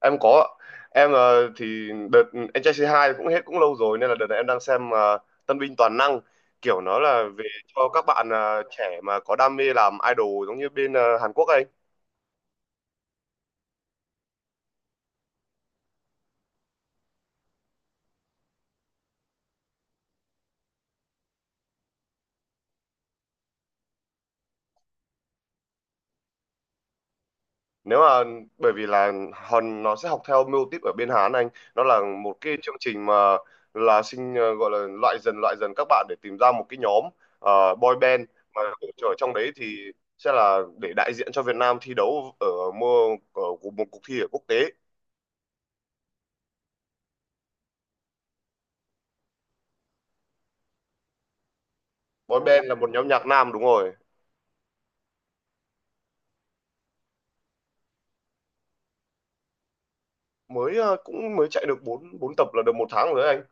Em có ạ. Em thì đợt anh trai C2 cũng hết cũng lâu rồi, nên là đợt này em đang xem Tân binh toàn năng. Kiểu nó là về cho các bạn trẻ mà có đam mê làm idol, giống như bên Hàn Quốc ấy. Nếu mà, bởi vì là hòn nó sẽ học theo mưu típ ở bên Hàn anh, nó là một cái chương trình mà là sinh, gọi là loại dần các bạn để tìm ra một cái nhóm, boy band mà ở trong đấy thì sẽ là để đại diện cho Việt Nam thi đấu ở mùa ở một cuộc thi ở quốc tế. Boy band là một nhóm nhạc nam, đúng rồi. Mới cũng mới chạy được bốn bốn tập là được một tháng rồi đấy anh.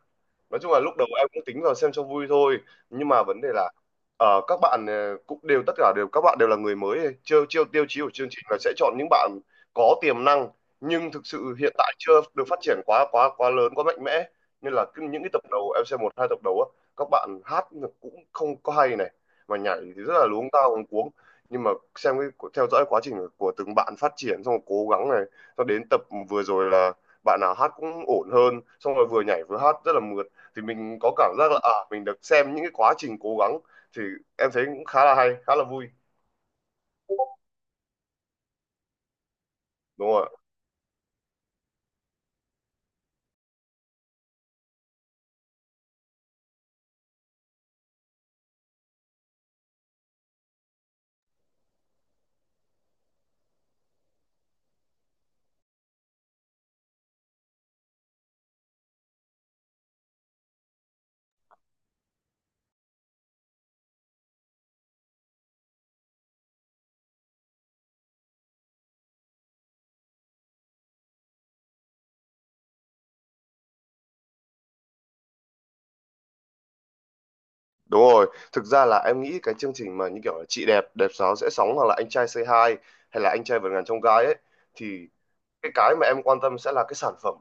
Nói chung là lúc đầu em cũng tính vào xem cho vui thôi, nhưng mà vấn đề là các bạn cũng đều tất cả đều các bạn đều là người mới, chiêu chiêu tiêu chí của chương trình là sẽ chọn những bạn có tiềm năng, nhưng thực sự hiện tại chưa được phát triển quá quá quá lớn, quá mạnh mẽ. Nên là cứ những cái tập đầu em xem một hai tập đầu á, các bạn hát cũng không có hay này, mà nhảy thì rất là luống cuống. Nhưng mà xem cái theo dõi quá trình của từng bạn phát triển xong rồi cố gắng này, cho đến tập vừa rồi là bạn nào hát cũng ổn hơn, xong rồi vừa nhảy vừa hát rất là mượt, thì mình có cảm giác là à mình được xem những cái quá trình cố gắng, thì em thấy cũng khá là hay, khá là vui. Đúng rồi, đúng rồi. Thực ra là em nghĩ cái chương trình mà như kiểu là chị đẹp đẹp sáo sẽ sóng, hoặc là anh trai say hi, hay là anh trai vượt ngàn chông gai ấy, thì cái mà em quan tâm sẽ là cái sản phẩm.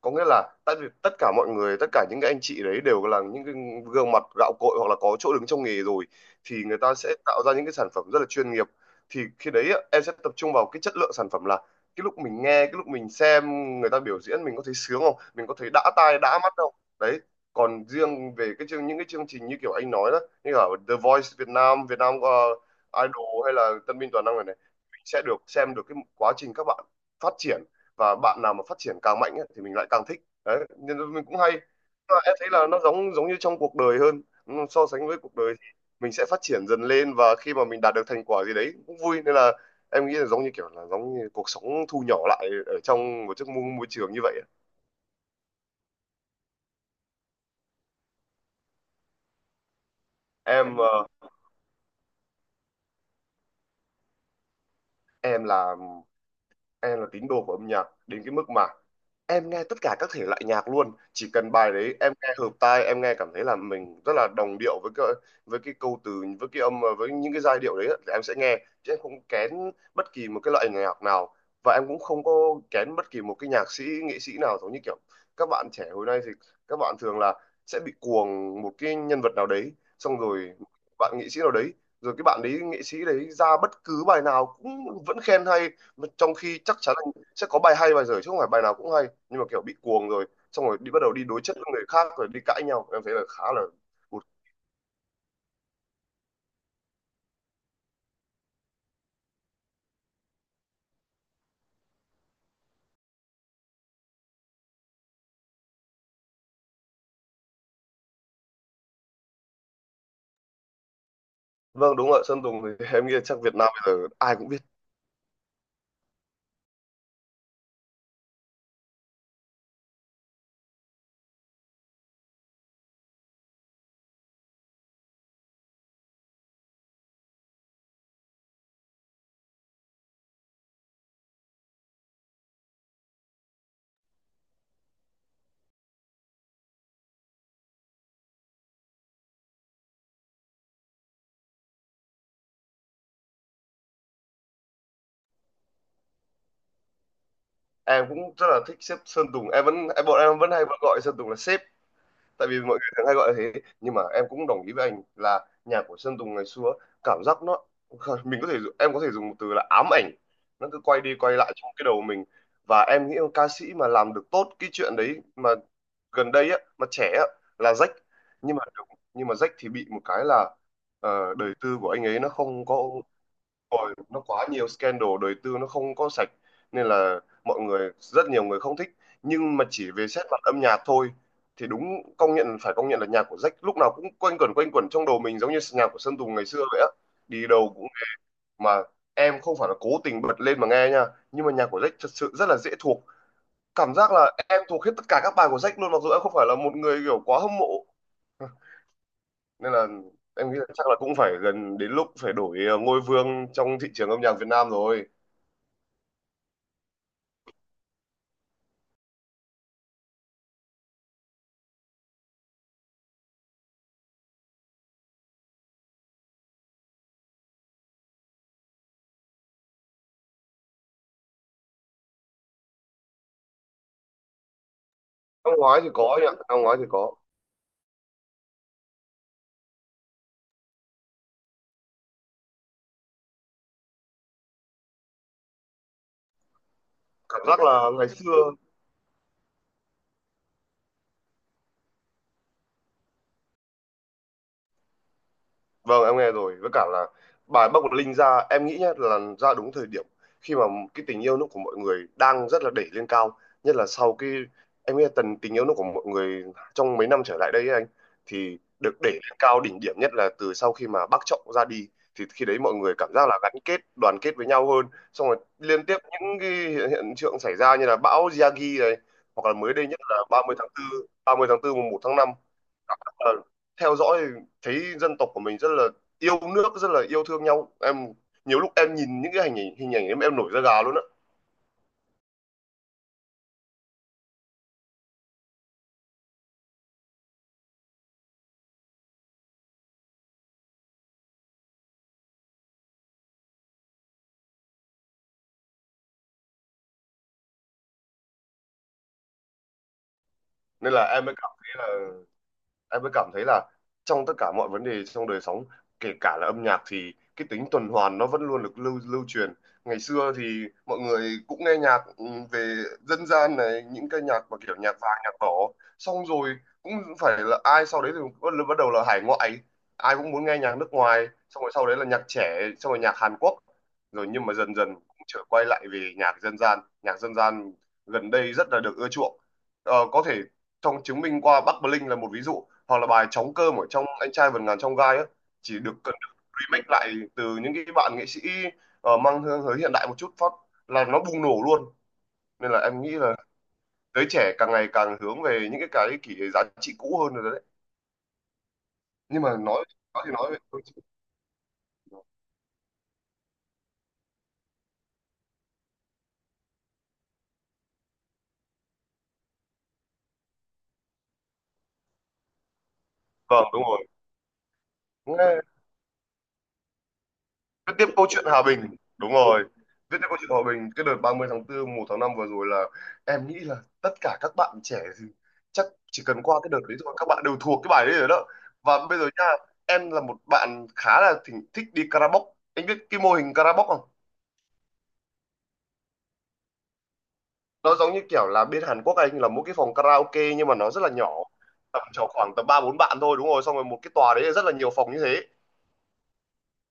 Có nghĩa là tại vì tất cả mọi người, tất cả những cái anh chị đấy đều là những cái gương mặt gạo cội, hoặc là có chỗ đứng trong nghề rồi, thì người ta sẽ tạo ra những cái sản phẩm rất là chuyên nghiệp. Thì khi đấy á, em sẽ tập trung vào cái chất lượng sản phẩm, là cái lúc mình nghe, cái lúc mình xem người ta biểu diễn, mình có thấy sướng không, mình có thấy đã tai đã mắt không. Đấy, còn riêng về cái chương, những cái chương trình như kiểu anh nói đó, như ở The Voice Việt Nam Việt Nam, Idol hay là Tân binh toàn năng này này, mình sẽ được xem được cái quá trình các bạn phát triển, và bạn nào mà phát triển càng mạnh ấy, thì mình lại càng thích đấy, nên mình cũng hay. Và em thấy là nó giống giống như trong cuộc đời hơn, so sánh với cuộc đời thì mình sẽ phát triển dần lên, và khi mà mình đạt được thành quả gì đấy cũng vui, nên là em nghĩ là giống như kiểu là giống như cuộc sống thu nhỏ lại ở trong một chiếc môi trường như vậy ấy. em ờ, em là em là tín đồ của âm nhạc đến cái mức mà em nghe tất cả các thể loại nhạc luôn, chỉ cần bài đấy em nghe hợp tai, em nghe cảm thấy là mình rất là đồng điệu với cái, câu từ, với cái âm, với những cái giai điệu đấy á, thì em sẽ nghe. Chứ em không kén bất kỳ một cái loại nhạc nào, và em cũng không có kén bất kỳ một cái nhạc sĩ nghệ sĩ nào. Giống như kiểu các bạn trẻ hồi nay thì các bạn thường là sẽ bị cuồng một cái nhân vật nào đấy, xong rồi bạn nghệ sĩ nào đấy, rồi cái bạn đấy nghệ sĩ đấy ra bất cứ bài nào cũng vẫn khen hay, mà trong khi chắc chắn là sẽ có bài hay bài dở chứ không phải bài nào cũng hay. Nhưng mà kiểu bị cuồng rồi xong rồi đi bắt đầu đi đối chất với người khác rồi đi cãi nhau, em thấy là khá là cụt. Vâng đúng rồi, Sơn Tùng thì em nghĩ là chắc Việt Nam bây giờ ai cũng biết. Em cũng rất là thích sếp Sơn Tùng, em vẫn em bọn em vẫn hay vẫn gọi Sơn Tùng là sếp tại vì mọi người thường hay gọi là thế. Nhưng mà em cũng đồng ý với anh là nhạc của Sơn Tùng ngày xưa cảm giác nó mình có thể em có thể dùng một từ là ám ảnh, nó cứ quay đi quay lại trong cái đầu mình. Và em nghĩ ca sĩ mà làm được tốt cái chuyện đấy mà gần đây á, mà trẻ á, là Jack. Nhưng mà nhưng mà Jack thì bị một cái là đời tư của anh ấy nó không có, rồi nó quá nhiều scandal, đời tư nó không có sạch, nên là mọi người, rất nhiều người không thích. Nhưng mà chỉ về xét mặt âm nhạc thôi, thì đúng, công nhận phải công nhận là nhạc của Jack lúc nào cũng quanh quẩn trong đầu mình giống như nhạc của Sơn Tùng ngày xưa vậy á, đi đâu cũng, mà em không phải là cố tình bật lên mà nghe nha, nhưng mà nhạc của Jack thật sự rất là dễ thuộc. Cảm giác là em thuộc hết tất cả các bài của Jack luôn, mặc dù em không phải là một người kiểu quá hâm mộ. Nên là em nghĩ là chắc là cũng phải gần đến lúc phải đổi ngôi vương trong thị trường âm nhạc Việt Nam rồi. Năm ngoái thì có anh ạ, năm ngoái thì có. Cảm giác là ngày xưa. Vâng, em nghe rồi. Với cả là bài Bắc Bột Linh ra, em nghĩ nhá, là ra đúng thời điểm khi mà cái tình yêu nước của mọi người đang rất là đẩy lên cao. Nhất là sau cái, em nghĩ là tần tình yêu nước của mọi người trong mấy năm trở lại đây ấy anh, thì được đẩy lên cao đỉnh điểm nhất là từ sau khi mà bác Trọng ra đi. Thì khi đấy mọi người cảm giác là gắn kết, đoàn kết với nhau hơn. Xong rồi liên tiếp những cái hiện tượng xảy ra như là bão Yagi này, hoặc là mới đây nhất là 30 tháng 4, mùng 1 tháng 5. Ờ, theo dõi thấy dân tộc của mình rất là yêu nước, rất là yêu thương nhau, em nhiều lúc em nhìn những cái hình ảnh, em nổi da gà luôn á. Nên là em mới cảm thấy là em mới cảm thấy là trong tất cả mọi vấn đề trong đời sống, kể cả là âm nhạc, thì cái tính tuần hoàn nó vẫn luôn được lưu lưu truyền. Ngày xưa thì mọi người cũng nghe nhạc, về dân gian này, những cái nhạc mà kiểu nhạc vàng nhạc đỏ, xong rồi cũng phải là ai, sau đấy thì bắt bắt đầu là hải ngoại, ai cũng muốn nghe nhạc nước ngoài, xong rồi sau đấy là nhạc trẻ, xong rồi nhạc Hàn Quốc rồi. Nhưng mà dần dần cũng trở quay lại về nhạc dân gian, gần đây rất là được ưa chuộng. Có thể trong chứng minh qua Bắc Bling là một ví dụ, hoặc là bài trống cơm ở trong anh trai vượt ngàn chông gai á, chỉ được cần được remake lại từ những cái bạn nghệ sĩ, mang hương hơi hiện đại một chút phát là nó bùng nổ luôn. Nên là em nghĩ là giới trẻ càng ngày càng hướng về những cái kỷ giá trị cũ hơn rồi đấy. Nhưng mà nói thì nói vậy thôi chứ. Vâng đúng rồi. Nghe. Viết tiếp câu chuyện Hòa Bình, đúng rồi. Viết tiếp câu chuyện Hòa Bình, cái đợt ba mươi tháng 4, một tháng năm vừa rồi là em nghĩ là tất cả các bạn trẻ thì chắc chỉ cần qua cái đợt đấy thôi các bạn đều thuộc cái bài đấy rồi đó. Và bây giờ nha, em là một bạn khá là thỉnh, thích đi karaoke. Anh biết cái mô hình karaoke không? Nó giống như kiểu là bên Hàn Quốc anh, là một cái phòng karaoke nhưng mà nó rất là nhỏ, tầm chỉ khoảng tầm ba bốn bạn thôi, đúng rồi, xong rồi một cái tòa đấy là rất là nhiều phòng như thế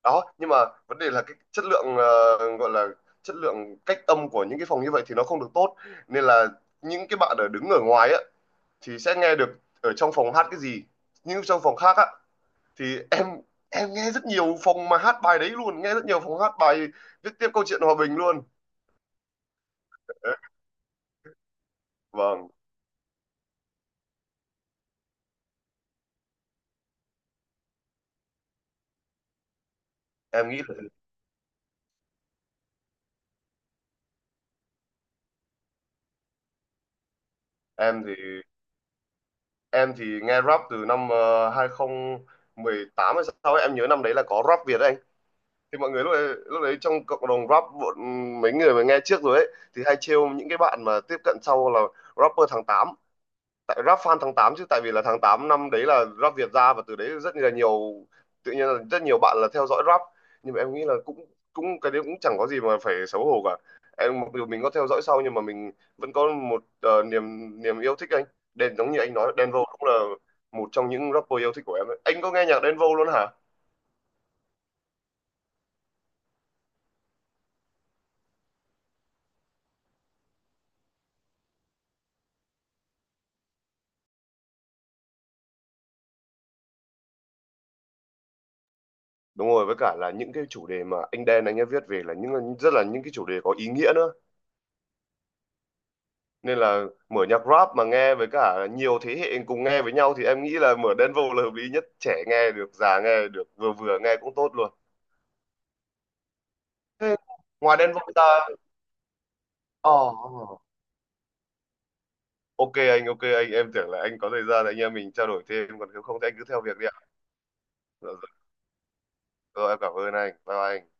đó. Nhưng mà vấn đề là cái chất lượng, gọi là chất lượng cách âm của những cái phòng như vậy thì nó không được tốt, nên là những cái bạn ở đứng ở ngoài á thì sẽ nghe được ở trong phòng hát cái gì. Nhưng trong phòng khác á thì em nghe rất nhiều phòng mà hát bài đấy luôn, nghe rất nhiều phòng hát bài viết tiếp câu chuyện hòa bình luôn. Đấy, vâng em nghĩ là em thì em thì nghe rap từ năm hai tám hay sao ấy, em nhớ năm đấy là có rap Việt đấy anh. Thì mọi người lúc đấy trong cộng đồng rap bọn, mấy người mà nghe trước rồi ấy thì hay trêu những cái bạn mà tiếp cận sau là rapper tháng 8, tại rap fan tháng 8 chứ, tại vì là tháng 8 năm đấy là rap Việt ra, và từ đấy rất là nhiều, tự nhiên là rất nhiều bạn là theo dõi rap. Nhưng mà em nghĩ là cũng cũng cái đấy cũng chẳng có gì mà phải xấu hổ cả, em mặc dù mình có theo dõi sau nhưng mà mình vẫn có một niềm niềm yêu thích anh đen, giống như anh nói Đen Vâu cũng là một trong những rapper yêu thích của em ấy. Anh có nghe nhạc Đen Vâu luôn hả? Đúng rồi, với cả là những cái chủ đề mà anh Đen anh ấy viết về là những rất là những cái chủ đề có ý nghĩa nữa. Nên là mở nhạc rap mà nghe với cả nhiều thế hệ cùng nghe với nhau thì em nghĩ là mở Đen Vâu là hợp lý nhất. Trẻ nghe được, già nghe được, vừa vừa nghe cũng tốt luôn. Thế ngoài Đen Vâu ra... Oh, ok anh, ok anh. Em tưởng là anh có thời gian anh em mình trao đổi thêm, còn nếu không thì anh cứ theo việc đi ạ. Rồi, rồi, rồi em cảm ơn anh. Bye bye anh.